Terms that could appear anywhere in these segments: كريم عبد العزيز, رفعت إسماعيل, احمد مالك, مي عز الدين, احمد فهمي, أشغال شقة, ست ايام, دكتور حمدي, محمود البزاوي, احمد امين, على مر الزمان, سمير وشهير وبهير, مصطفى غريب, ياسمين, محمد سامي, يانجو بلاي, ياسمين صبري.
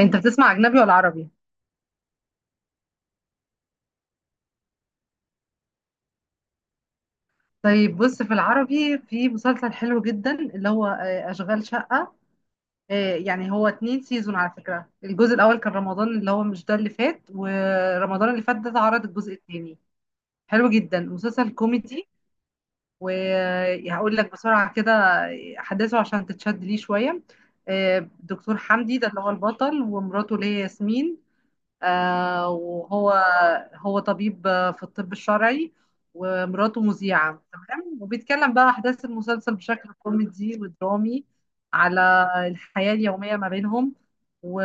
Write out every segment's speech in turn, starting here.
انت بتسمع اجنبي ولا عربي؟ طيب بص، في العربي في مسلسل حلو جدا اللي هو اشغال شقة. يعني هو اتنين سيزون. على فكرة الجزء الاول كان رمضان اللي هو مش ده اللي فات، ورمضان اللي فات ده اتعرض الجزء التاني. حلو جدا مسلسل كوميدي. وهقول لك بسرعة كده احداثه عشان تتشد ليه شوية. دكتور حمدي ده اللي هو البطل، ومراته اللي هي ياسمين. وهو طبيب في الطب الشرعي، ومراته مذيعة. تمام. وبيتكلم بقى أحداث المسلسل بشكل كوميدي ودرامي على الحياة اليومية ما بينهم. و...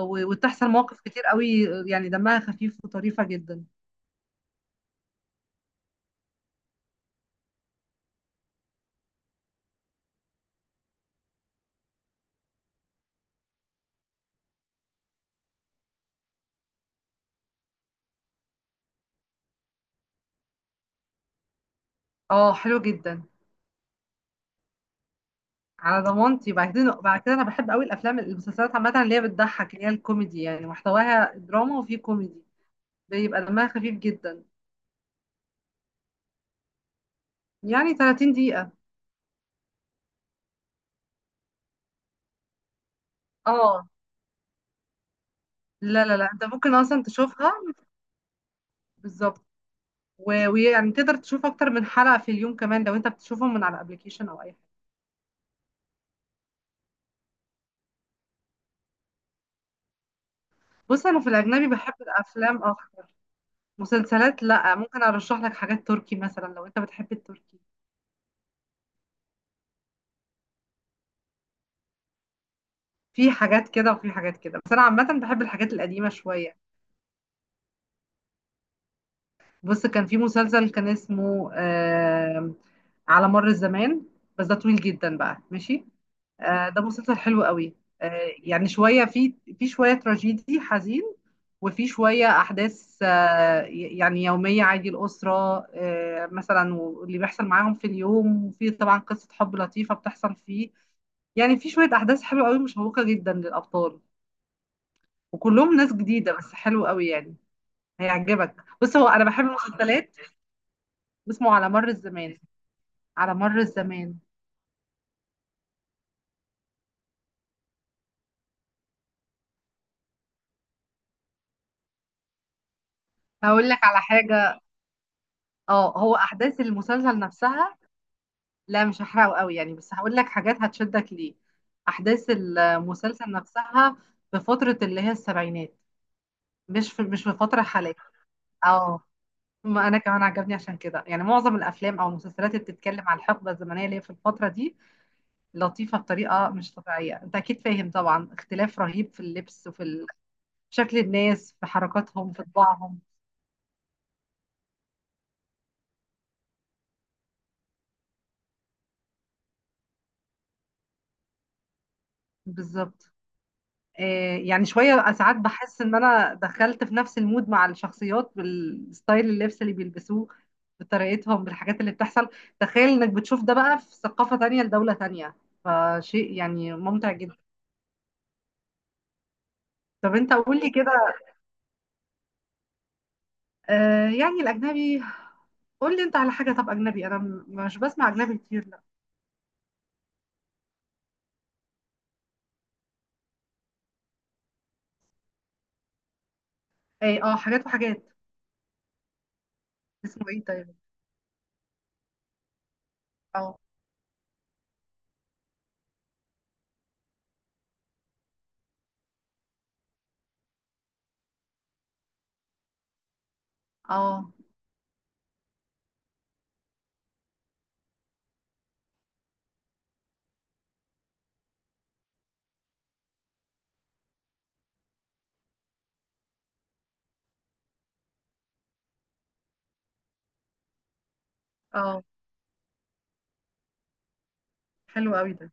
وتحصل مواقف كتير قوي. يعني دمها خفيف وطريفة جدا. اه، حلو جدا. على ضمانتي. بعد كده انا بحب قوي الافلام المسلسلات عامه اللي هي بتضحك، اللي هي الكوميدي. يعني محتواها دراما وفيه كوميدي، بيبقى دمها خفيف جدا. يعني 30 دقيقة. اه. لا لا لا، انت ممكن اصلا تشوفها. بالظبط. ويعني تقدر تشوف اكتر من حلقة في اليوم كمان، لو انت بتشوفهم من على ابلكيشن او اي حاجة. بص انا في الاجنبي بحب الافلام اكتر. مسلسلات لا، ممكن ارشح لك حاجات تركي مثلا لو انت بتحب التركي. في حاجات كده وفي حاجات كده، بس انا عامة بحب الحاجات القديمة شوية. بص كان في مسلسل كان اسمه على مر الزمان. بس ده طويل جدا بقى. ماشي. ده مسلسل حلو قوي. يعني شوية في شوية تراجيدي حزين، وفي شوية أحداث يعني يومية عادي الأسرة. مثلا واللي بيحصل معاهم في اليوم، وفي طبعا قصة حب لطيفة بتحصل فيه. يعني في شوية أحداث حلوة قوي مشوقة جدا للأبطال، وكلهم ناس جديدة. بس حلو قوي يعني، هيعجبك. بص هو أنا بحب المسلسلات. بسمعه، على مر الزمان، على مر الزمان. هقول لك على حاجة. اه، هو أحداث المسلسل نفسها، لا مش هحرقه قوي يعني، بس هقول لك حاجات هتشدك ليه. احداث المسلسل نفسها في فتره اللي هي السبعينات، مش في فتره حاليه. اه، ما انا كمان عجبني عشان كده. يعني معظم الافلام او المسلسلات اللي بتتكلم عن الحقبه الزمنيه اللي هي في الفتره دي لطيفه بطريقه مش طبيعيه. انت اكيد فاهم طبعا، اختلاف رهيب في اللبس، وفي شكل الناس، في حركاتهم، في طباعهم. بالظبط. يعني شوية ساعات بحس إن أنا دخلت في نفس المود مع الشخصيات، بالستايل، اللبس اللي بيلبسوه، بطريقتهم، بالحاجات اللي بتحصل. تخيل إنك بتشوف ده بقى في ثقافة تانية لدولة تانية، فشيء يعني ممتع جدا. طب أنت قول لي كده. يعني الأجنبي، قول لي أنت على حاجة. طب أجنبي أنا مش بسمع أجنبي كتير لا. إيه، أه حاجات وحاجات. اسمه إيه طيب؟ أه. أه. أه، حلو قوي ده.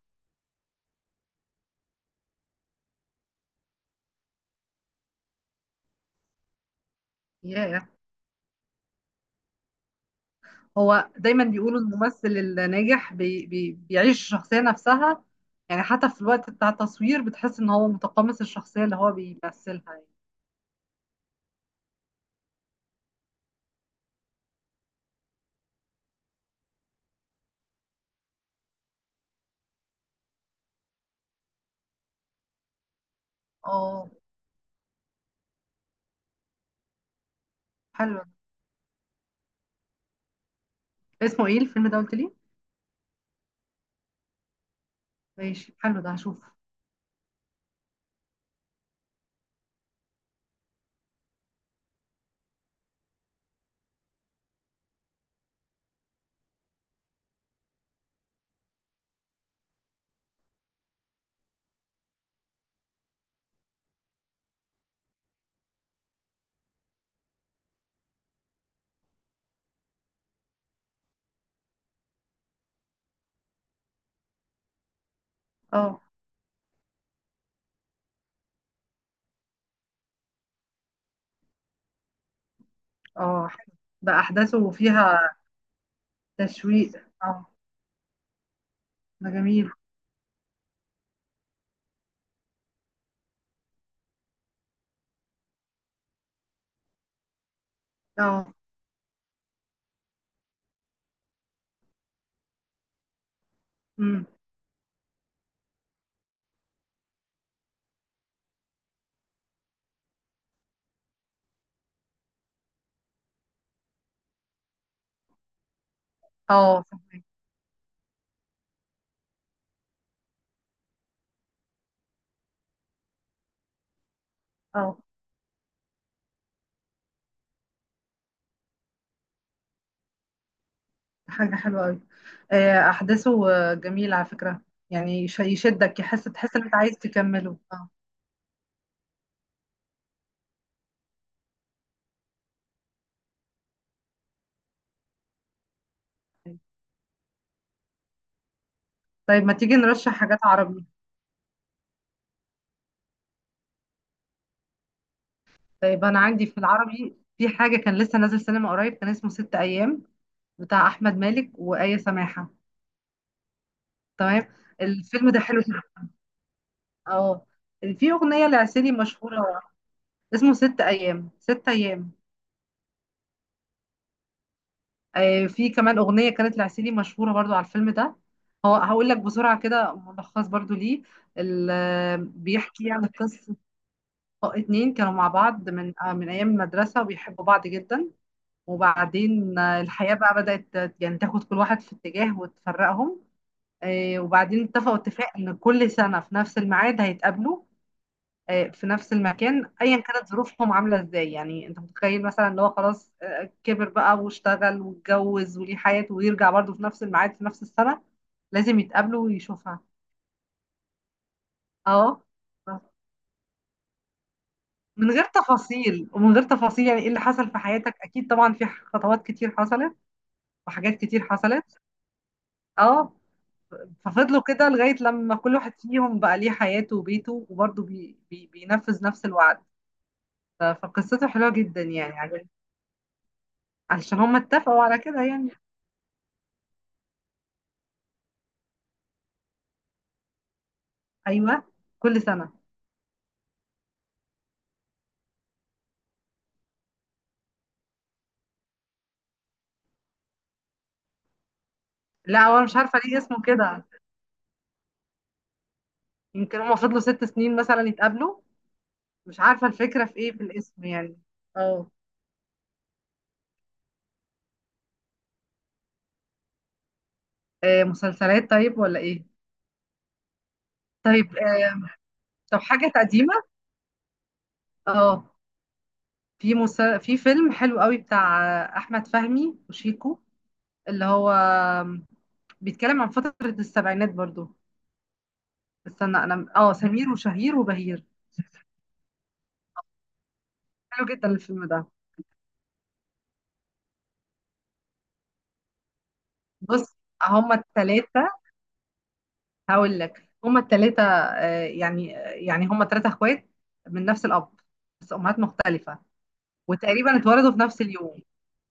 ياه. هو دايما بيقولوا الممثل الناجح بي بي بيعيش الشخصية نفسها، يعني حتى في الوقت بتاع التصوير بتحس ان هو متقمص الشخصية اللي هو بيمثلها يعني. اه حلو. اسمه ايه الفيلم ده قلت لي؟ ماشي حلو ده هشوف. اه. اه حلو ده. احداثه فيها تشويق، اه. ده جميل. اه. امم. اه. فهمك. اه. حاجة حلوة قوي. احداثه جميلة على فكرة. يعني يشدك، تحس ان انت عايز تكمله، اه. طيب ما تيجي نرشح حاجات عربي. طيب انا عندي في العربي في حاجه كان لسه نازل سينما قريب كان اسمه ست ايام، بتاع احمد مالك وآية سماحه. تمام. الفيلم ده حلو جدا، اه. في اغنيه لعسيلي مشهوره. اسمه ست ايام، ست ايام. آه، في كمان اغنيه كانت لعسيلي مشهوره برضو على الفيلم ده. هو هقول لك بسرعه كده ملخص برضو ليه. بيحكي يعني قصه اتنين كانوا مع بعض من ايام المدرسه، وبيحبوا بعض جدا. وبعدين الحياة بقى بدأت يعني تاخد كل واحد في اتجاه وتفرقهم. وبعدين اتفقوا اتفاق ان كل سنة في نفس الميعاد هيتقابلوا، في نفس المكان، ايا كانت ظروفهم عاملة ازاي. يعني انت متخيل مثلا ان هو خلاص كبر بقى واشتغل واتجوز وليه حياته، ويرجع برضه في نفس الميعاد في نفس السنة. لازم يتقابلوا ويشوفها. اه، من غير تفاصيل، ومن غير تفاصيل يعني ايه اللي حصل في حياتك. اكيد طبعا في خطوات كتير حصلت، وحاجات كتير حصلت. اه، ففضلوا كده لغاية لما كل واحد فيهم بقى ليه حياته وبيته، وبرضه بي بي بينفذ نفس الوعد. فقصته حلوة جدا، يعني عجبتني. علشان هم اتفقوا على كده يعني. أيوة، كل سنة. لا هو أنا مش عارفة ليه اسمه كده. يمكن هم فضلوا ست سنين مثلا يتقابلوا. مش عارفة الفكرة في ايه في الاسم يعني. اه. مسلسلات طيب ولا ايه؟ طيب. طب حاجة قديمة. اه. في فيلم حلو قوي بتاع أحمد فهمي وشيكو، اللي هو بيتكلم عن فترة السبعينات برضو. استنى انا، اه، سمير وشهير وبهير. حلو جدا الفيلم ده. بص هما التلاتة. هقول لك هما التلاتة. يعني هما تلاتة اخوات من نفس الأب بس أمهات مختلفة، وتقريبا اتولدوا في نفس اليوم.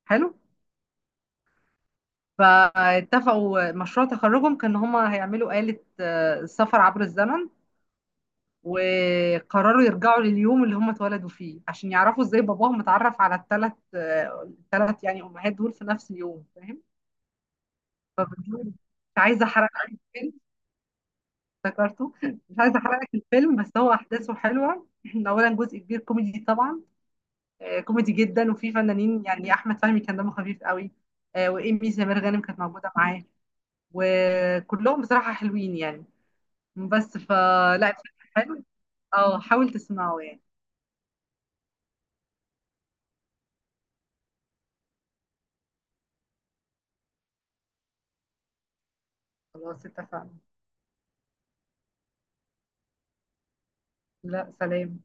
حلو. فاتفقوا مشروع تخرجهم كان هما هيعملوا آلة سفر عبر الزمن. وقرروا يرجعوا لليوم اللي هم اتولدوا فيه، عشان يعرفوا ازاي باباهم اتعرف على الثلاث يعني امهات دول في نفس اليوم. فاهم. فبتقول مش عايزه احرق لك الفيلم. افتكرته مش عايزه احرق لك الفيلم، بس هو احداثه حلوه اولا جزء كبير كوميدي طبعا. كوميدي جدا، وفي فنانين يعني احمد فهمي كان دمه خفيف قوي. وايمي سمير غانم كانت موجوده معاه، وكلهم بصراحه حلوين يعني. بس فلا، الفيلم حلو، اه حاول تسمعه يعني. خلاص اتفقنا. لا سلام.